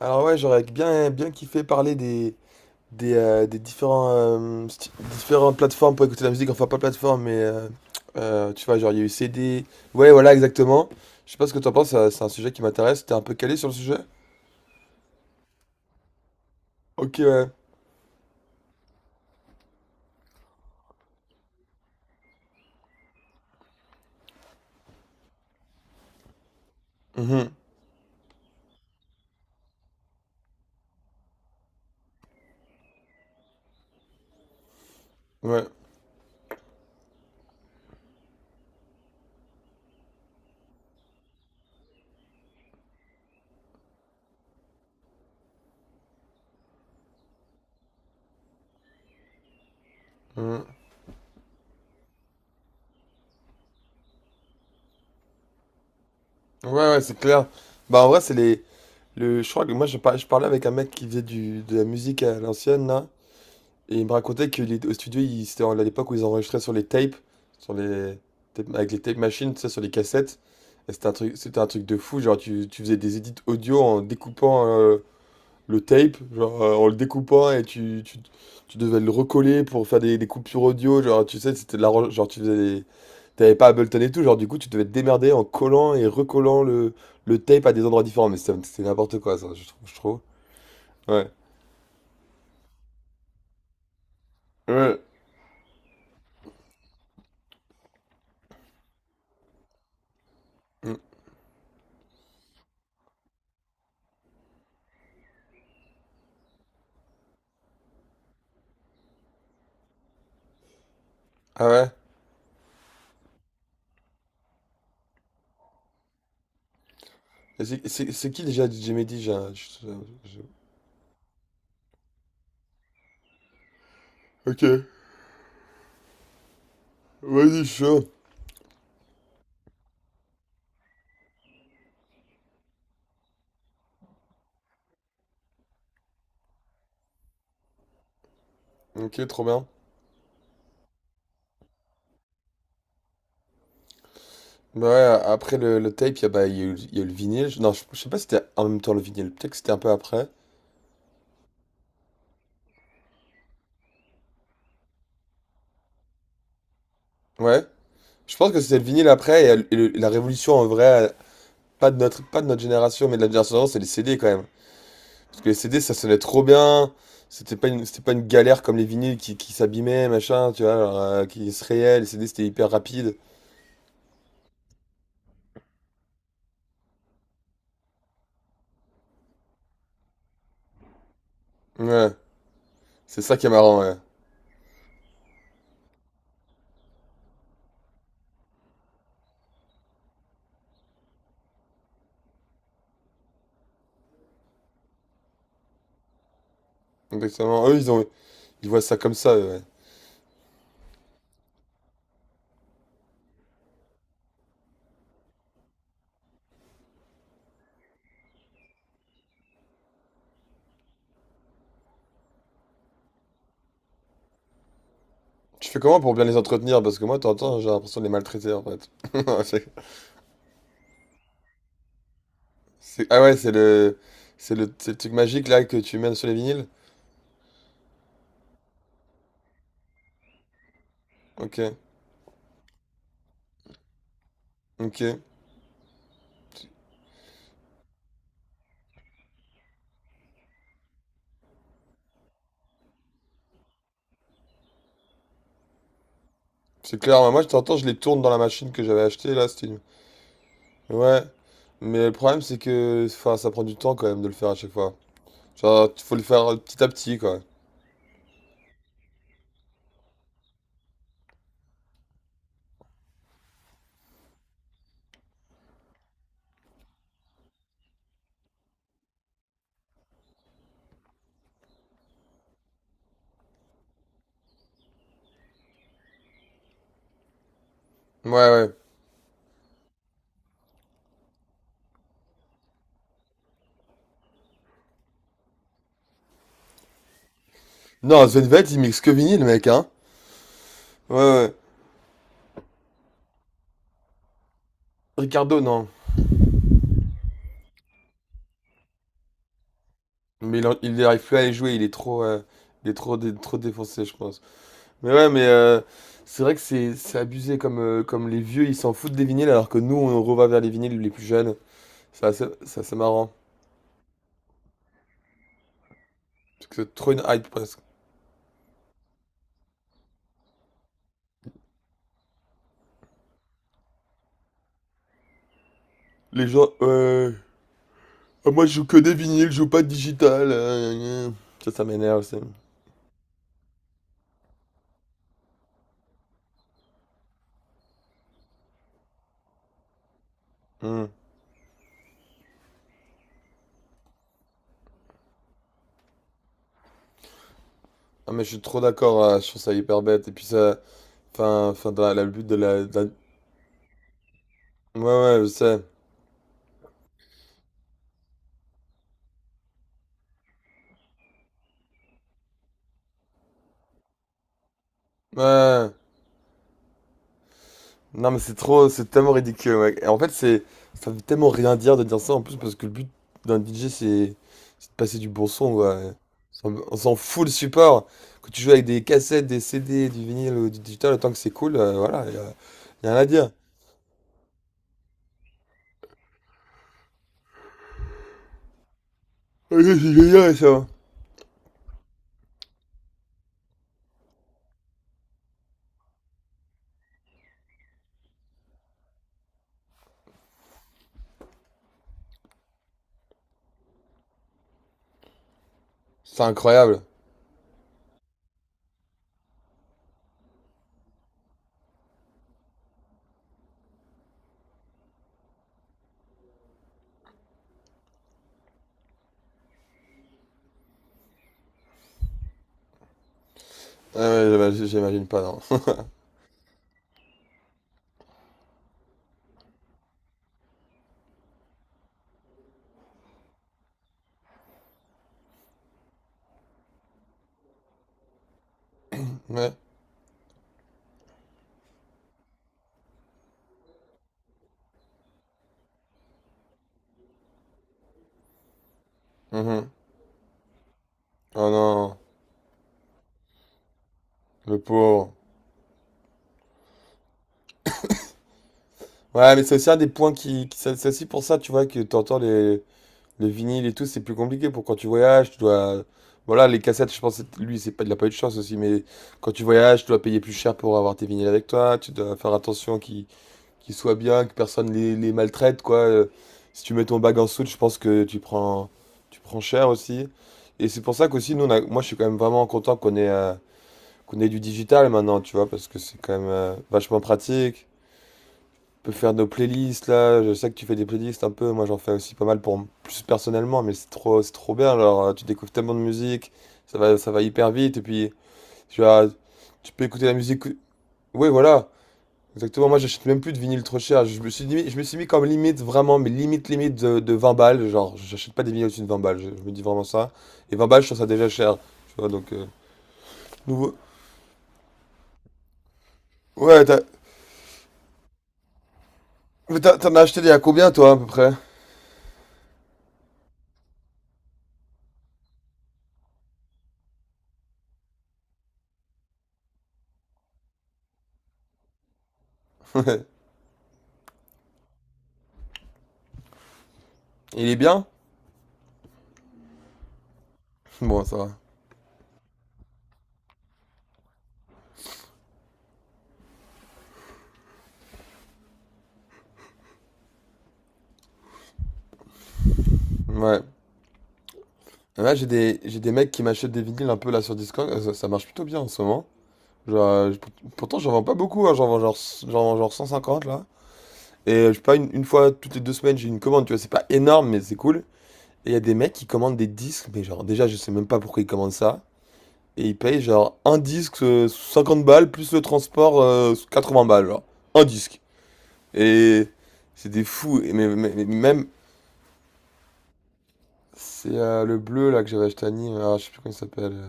Alors ouais, j'aurais bien, bien kiffé parler des différentes plateformes pour écouter la musique. Enfin, pas plateforme, mais tu vois, genre il y a eu CD. Ouais, voilà, exactement. Je sais pas ce que t'en penses, c'est un sujet qui m'intéresse. T'es un peu calé sur le sujet? Ok, ouais. Mhm. Ouais. Mhm. Ouais, ouais, c'est clair. Bah en vrai, c'est les. Je crois que moi, je parlais avec un mec qui faisait de la musique à l'ancienne, là. Et il me racontait que au studio, c'était à l'époque où ils enregistraient sur les tapes, sur les avec les tape machines, tu sais, sur les cassettes. Et c'était un truc de fou. Genre, tu faisais des edits audio en découpant le tape, genre en le découpant et tu devais le recoller pour faire des coupures audio. Genre, tu sais, c'était de la, genre, tu faisais t'avais pas Ableton et tout. Genre, du coup, tu devais te démerder en collant et recollant le tape à des endroits différents. Mais c'était n'importe quoi, ça, je trouve. Je trouve. Ouais. Ouais. Mm. Ah ouais? Et c'est c'est qui déjà DJ Mehdi? Je- Ok, vas-y, je suis chaud. Ok, trop bien. Bah ouais, après le tape, bah, il y a eu le vinyle. Non, je sais pas si c'était en même temps le vinyle. Peut-être que c'était un peu après. Ouais. Je pense que c'était le vinyle après et la révolution en vrai, pas de notre génération, mais de la génération d'avant, c'est les CD quand même. Parce que les CD, ça sonnait trop bien. C'était pas une galère comme les vinyles qui s'abîmaient, machin, tu vois, genre, qui se rayaient. Les CD, c'était hyper rapide. Ouais. C'est ça qui est marrant, ouais. Exactement. Eux, ils ont. Ils voient ça comme ça, eux, ouais. Tu fais comment pour bien les entretenir? Parce que moi, t'entends, j'ai l'impression de les maltraiter, en fait. C'est- Ah ouais, c'est le. C'est le truc magique, là, que tu mènes sur les vinyles? Ok, ok. C'est clair, moi, je t'entends, je les tourne dans la machine que j'avais achetée, là, c'était une. Ouais. Mais le problème, c'est que, enfin, ça prend du temps, quand même, de le faire à chaque fois. Genre, faut le faire petit à petit, quoi. Ouais, ouais. Non, Svenvet, il mixe que vinyle, mec, hein? Ouais, ouais. Ricardo, non. Mais il arrive plus à les jouer, il est trop. Il est trop défoncé, je pense. Mais ouais, mais c'est vrai que c'est abusé comme, comme les vieux ils s'en foutent des vinyles alors que nous on revient vers les vinyles les plus jeunes. C'est assez marrant. Parce que c'est trop une hype presque. Les gens, ouais. Ah, moi je joue que des vinyles, je joue pas de digital. Gna gna. Ça m'énerve aussi. Hmm. Ah, mais je suis trop d'accord, je trouve ça hyper bête. Et puis ça. Enfin, le but Ouais, ouais, je sais. Ouais. Non, mais c'est tellement ridicule, ouais. Et en fait, c'est. Ça veut tellement rien dire de dire ça en plus parce que le but d'un DJ, c'est de passer du bon son, quoi. On s'en fout le support. Quand tu joues avec des cassettes, des CD, du vinyle ou du digital, autant que c'est cool, voilà, y a rien à dire. Ouais, c'est génial, ça. C'est incroyable. Ouais, ouais, j'imagine pas, non. Ouais. Mhm. Oh non, le pauvre. Ouais, mais c'est aussi un des points c'est aussi pour ça, tu vois, que t'entends les. Les vinyles et tout, c'est plus compliqué pour quand tu voyages, tu dois. Voilà, les cassettes, je pense, lui, c'est pas, il a pas eu de chance aussi, mais quand tu voyages, tu dois payer plus cher pour avoir tes vinyles avec toi, tu dois faire attention qu'ils soient bien, que personne les maltraite, quoi. Si tu mets ton bag en soute, je pense que tu prends cher aussi. Et c'est pour ça qu'aussi, nous, moi, je suis quand même vraiment content qu'on ait, qu'on ait du digital maintenant, tu vois, parce que c'est quand même vachement pratique peut faire nos playlists là. Je sais que tu fais des playlists un peu. Moi, j'en fais aussi pas mal pour plus personnellement, mais c'est trop bien. Alors, tu découvres tellement de musique, ça va hyper vite. Et puis, tu vas, tu peux écouter la musique. Oui, voilà, exactement. Moi, j'achète même plus de vinyle trop cher. Je me suis mis comme limite vraiment, mais limite limite de 20 balles. Genre, j'achète pas des vinyles au-dessus de 20 balles. Je me dis vraiment ça. Et 20 balles, je trouve ça déjà cher. Tu vois, donc nouveau. Ouais, mais t'en as acheté il y a combien toi à peu près? Il est bien? Bon, ça va. Ouais. Ouais, j'ai des mecs qui m'achètent des vinyles un peu là sur Discord, ça, ça marche plutôt bien en ce moment. Genre, pourtant j'en vends pas beaucoup, hein, j'en vends genre 150 là. Et je sais pas, une fois toutes les 2 semaines j'ai une commande, tu vois, c'est pas énorme mais c'est cool. Et il y a des mecs qui commandent des disques, mais genre déjà je sais même pas pourquoi ils commandent ça. Et ils payent genre un disque 50 balles plus le transport 80 balles, genre. Un disque. Et c'est des fous. Et mais même c'est le bleu là que j'avais acheté à Nîmes. Ah, je sais plus comment il s'appelle.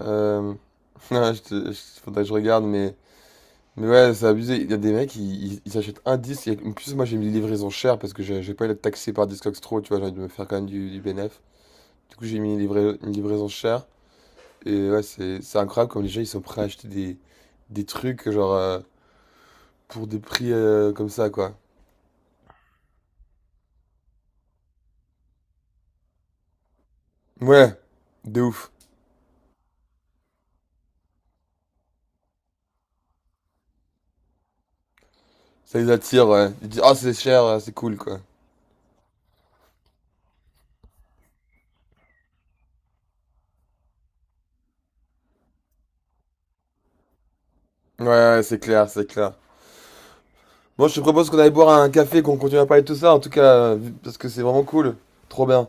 Euh... Non, faudrait que je regarde, mais. Mais ouais, c'est abusé. Il y a des mecs, ils s'achètent un disque. Et en plus, moi, j'ai mis les livraisons chères parce que j'ai pas eu d'être taxé par Discogs trop, tu vois, j'ai envie de me faire quand même du bénéf. Du coup, j'ai mis une livraison chère. Et ouais, c'est incroyable comme les gens, ils sont prêts à acheter des trucs, genre, pour des prix comme ça, quoi. Ouais, de ouf. Ça les attire, ouais. Ils disent, ah, c'est cher, ouais, c'est cool, quoi. Ouais, ouais, ouais, c'est clair, c'est clair. Bon, je te propose qu'on aille boire un café, qu'on continue à parler de tout ça, en tout cas, parce que c'est vraiment cool. Trop bien.